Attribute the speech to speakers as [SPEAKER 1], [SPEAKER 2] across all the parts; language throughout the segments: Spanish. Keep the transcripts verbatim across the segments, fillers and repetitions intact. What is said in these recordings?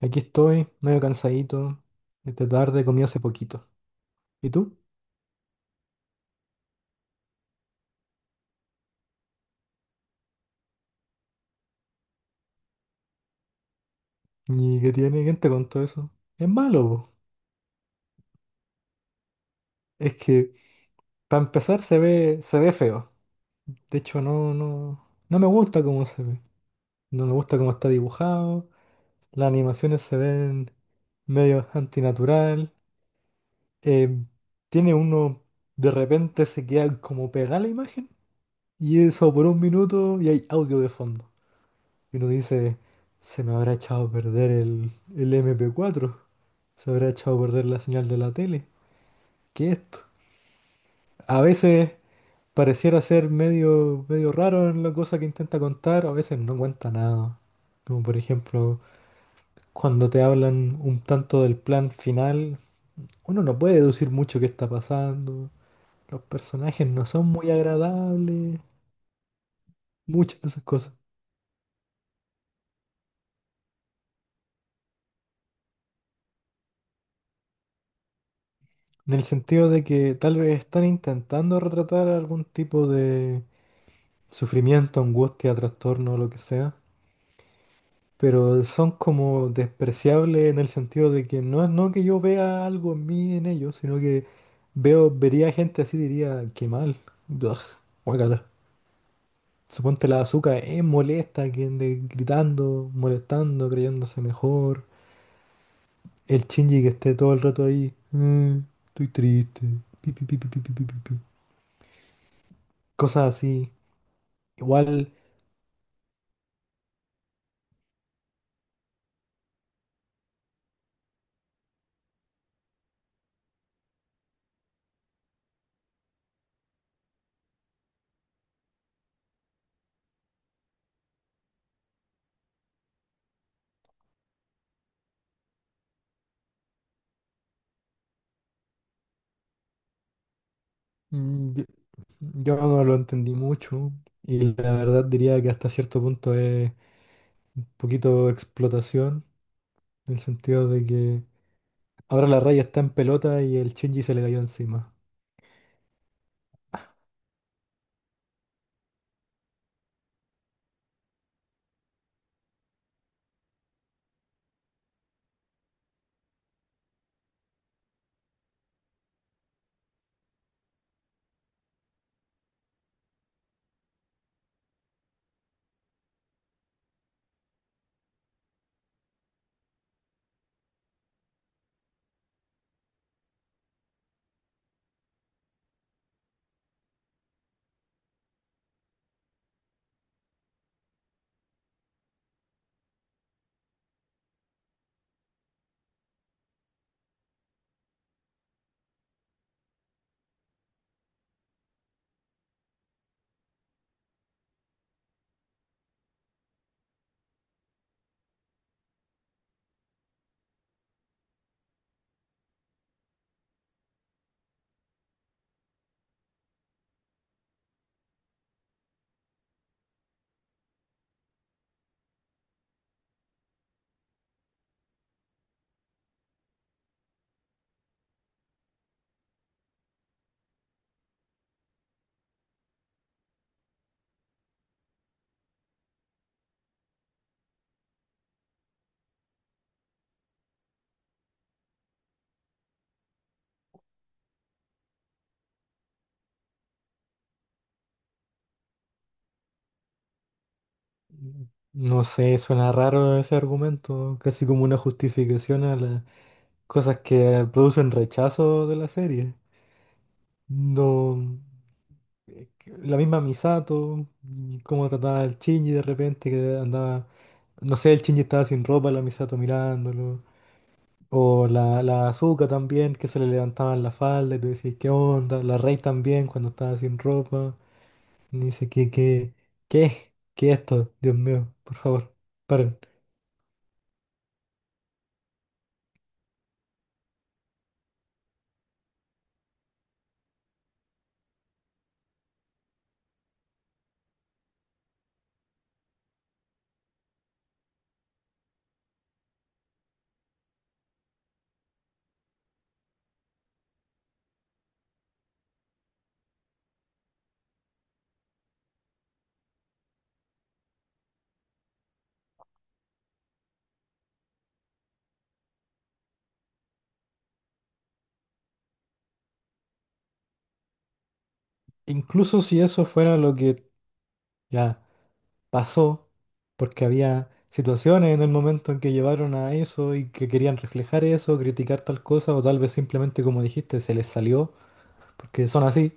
[SPEAKER 1] Aquí estoy, medio cansadito. Esta tarde comí hace poquito. ¿Y tú? ¿Y qué tiene? ¿Quién te contó eso? Es malo, po. Es que, para empezar, se ve, se ve feo. De hecho, no, no, no me gusta cómo se ve. No me gusta cómo está dibujado. Las animaciones se ven medio antinatural. eh, tiene uno, de repente se queda como pegada la imagen. Y eso por un minuto y hay audio de fondo. Y uno dice, se me habrá echado a perder el, el m p cuatro, se habrá echado a perder la señal de la tele. ¿Qué es esto? A veces pareciera ser medio, medio raro en la cosa que intenta contar, a veces no cuenta nada. Como por ejemplo, cuando te hablan un tanto del plan final, uno no puede deducir mucho qué está pasando. Los personajes no son muy agradables, muchas de esas cosas. En el sentido de que tal vez están intentando retratar algún tipo sufrimiento, angustia, trastorno, lo que sea, pero son como despreciables en el sentido de que no es no que yo vea algo en mí en ellos, sino que veo, vería gente así y diría, qué mal, ugh, guácala. Suponte la azúcar es molesta, que ande gritando, molestando, creyéndose mejor. El Shinji que esté todo el rato ahí, "Mm, estoy triste, pi, pi, pi, pi, pi, pi, pi, pi, pi". Cosas así. Igual. Mm, Yo, yo no lo entendí mucho y la verdad diría que hasta cierto punto es un poquito explotación, en el sentido de que ahora la raya está en pelota y el Shinji se le cayó encima. No sé, suena raro ese argumento, casi como una justificación a las cosas que producen rechazo de la serie. No, eh, que- la misma Misato, y cómo trataba al Shinji de repente, que andaba, no sé, el Shinji estaba sin ropa, la Misato mirándolo. O la, la azúcar también, que se le levantaban la falda y tú decís, ¿qué onda? La Rey también, cuando estaba sin ropa. Y dice, ¿qué, qué, qué? ¿Qué es esto? Dios mío, por favor, paren. Incluso si eso fuera lo que ya pasó, porque había situaciones en el momento en que llevaron a eso y que querían reflejar eso, criticar tal cosa, o tal vez simplemente, como dijiste, se les salió, porque son así.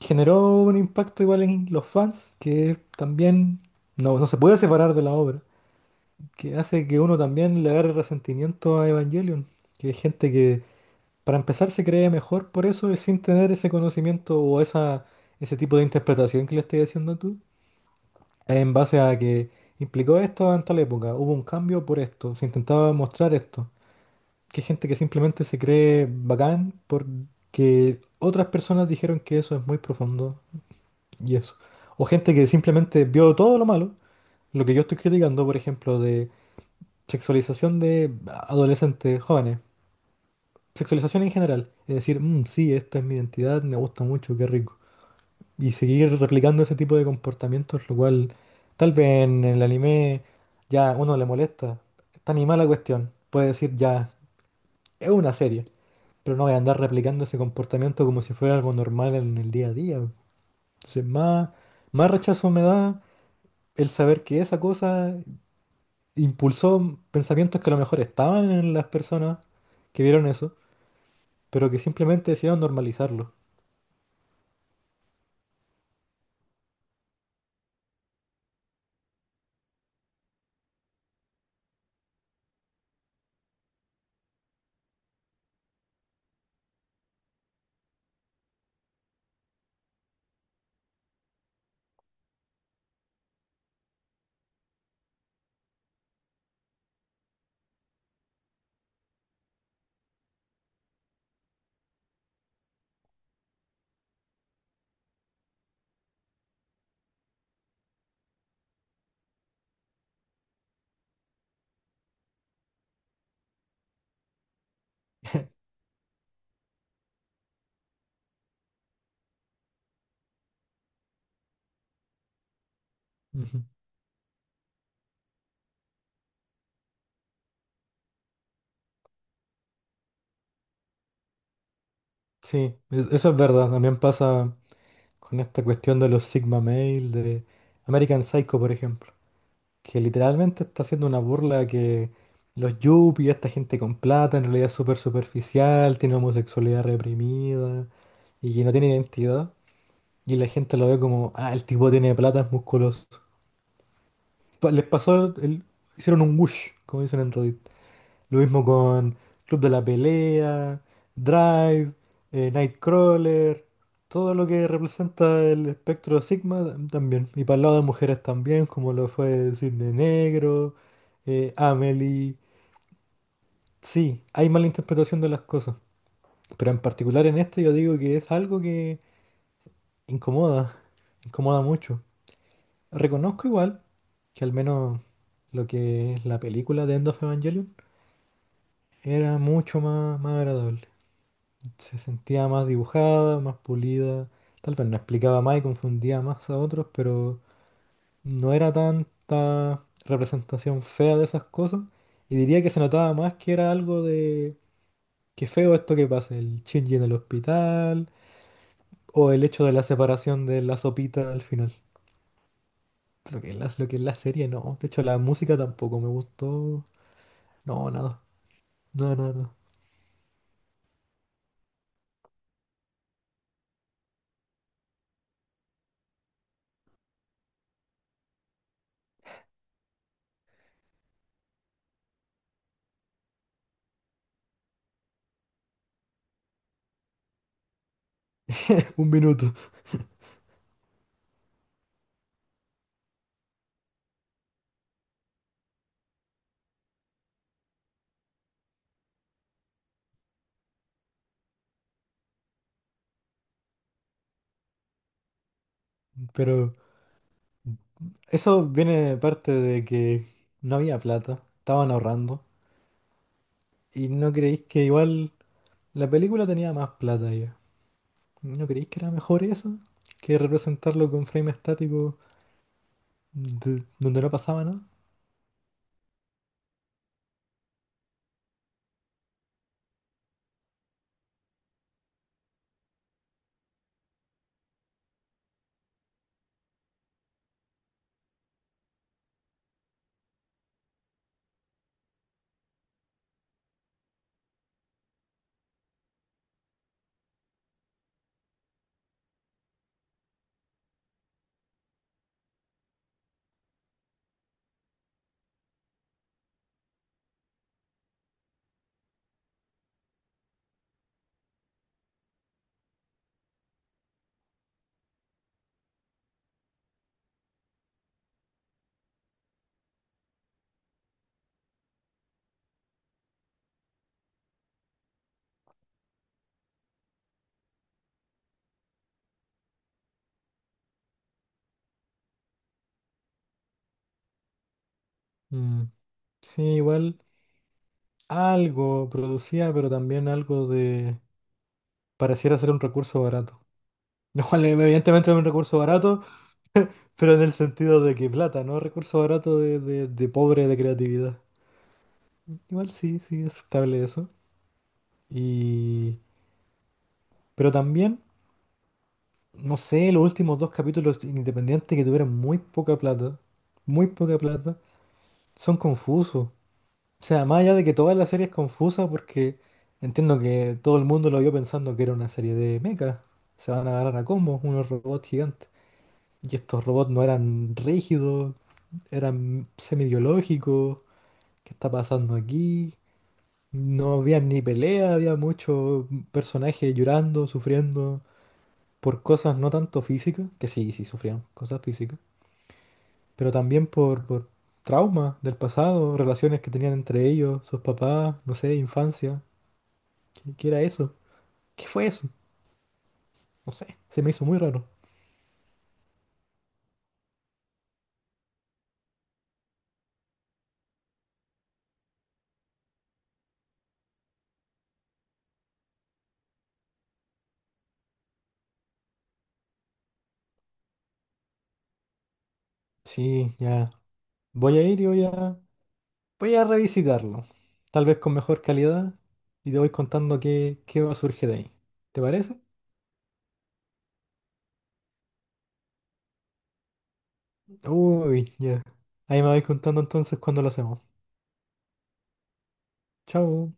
[SPEAKER 1] Generó un impacto igual en los fans, que también no, no se puede separar de la obra, que hace que uno también le agarre resentimiento a Evangelion. Que hay gente que, para empezar, se cree mejor por eso y sin tener ese conocimiento o esa, ese tipo de interpretación que le estoy haciendo tú, en base a que implicó esto en tal época, hubo un cambio por esto, se intentaba mostrar esto. Que hay gente que simplemente se cree bacán porque otras personas dijeron que eso es muy profundo y eso. O gente que simplemente vio todo lo malo, lo que yo estoy criticando, por ejemplo, de sexualización de adolescentes, jóvenes. Sexualización en general. Es decir, "Mm, sí, esta es mi identidad, me gusta mucho, qué rico". Y seguir replicando ese tipo de comportamientos, lo cual tal vez en el anime ya uno le molesta. Está animada la cuestión. Puede decir ya, es una serie, pero no voy a andar replicando ese comportamiento como si fuera algo normal en el día a día. Entonces, más, más rechazo me da el saber que esa cosa impulsó pensamientos que a lo mejor estaban en las personas que vieron eso pero que simplemente decidieron normalizarlo. Ujú. Sí, es- eso es verdad. También pasa con esta cuestión de los Sigma Male, de American Psycho, por ejemplo, que literalmente está haciendo una burla a que los yuppies, esta gente con plata, en realidad es súper superficial, tiene homosexualidad reprimida y que no tiene identidad. Y la gente lo ve como, ah, el tipo tiene plata, es musculoso. Pa- Les pasó, el- hicieron un whoosh, como dicen en Reddit. Lo mismo con Club de la Pelea, Drive, eh, Nightcrawler, todo lo que representa el espectro Sigma tam- también. Y para el lado de mujeres también, como lo fue Cisne Negro, eh, Amelie. Sí, hay mala interpretación de las cosas. Pero en particular en este yo digo que es algo que incomoda, incomoda mucho. Reconozco igual que al menos lo que es la película de End of Evangelion era mucho más, más agradable. Se sentía más dibujada, más pulida. Tal vez no explicaba más y confundía más a otros, pero no era tanta representación fea de esas cosas. Y diría que se notaba más que era algo de qué feo esto que pasa, el Shinji en el hospital, o el hecho de la separación de la sopita al final. Lo que es la, lo que es la serie, no. De hecho, la música tampoco me gustó. No, nada. Nada, nada, nada. Un minuto. Pero eso viene de parte de que no había plata, estaban ahorrando. Y no creéis que igual la película tenía más plata ya. ¿No creéis que era mejor eso? Que representarlo con frame estático, de- donde no pasaba nada. Mm. Sí, igual algo producía, pero también algo de... Pareciera ser un recurso barato. Lo cual eh, evidentemente es un recurso barato, pero en el sentido de que plata, no recurso barato de, de de pobre de creatividad. Igual sí, sí, es aceptable eso. Y... Pero también, no sé, los últimos dos capítulos independientes que tuvieron muy poca plata, muy poca plata, son confusos. O sea, más allá de que toda la serie es confusa porque entiendo que todo el mundo lo vio pensando que era una serie de mechas. Se van a agarrar a combos unos robots gigantes. Y estos robots no eran rígidos, eran semi-biológicos. ¿Qué está pasando aquí? No había ni pelea, había muchos personajes llorando, sufriendo. Por cosas no tanto físicas, que sí, sí sufrían cosas físicas, pero también por, por traumas del pasado, relaciones que tenían entre ellos, sus papás, no sé, infancia. ¿Qué, qué era eso? ¿Qué fue eso? No sé, se me hizo muy raro. Sí, ya. Voy a ir y voy a, voy a revisitarlo. Tal vez con mejor calidad y te voy contando qué, qué va a surgir de ahí. ¿Te parece? Uy, ya. Ahí me vais contando entonces cuándo lo hacemos. Chao.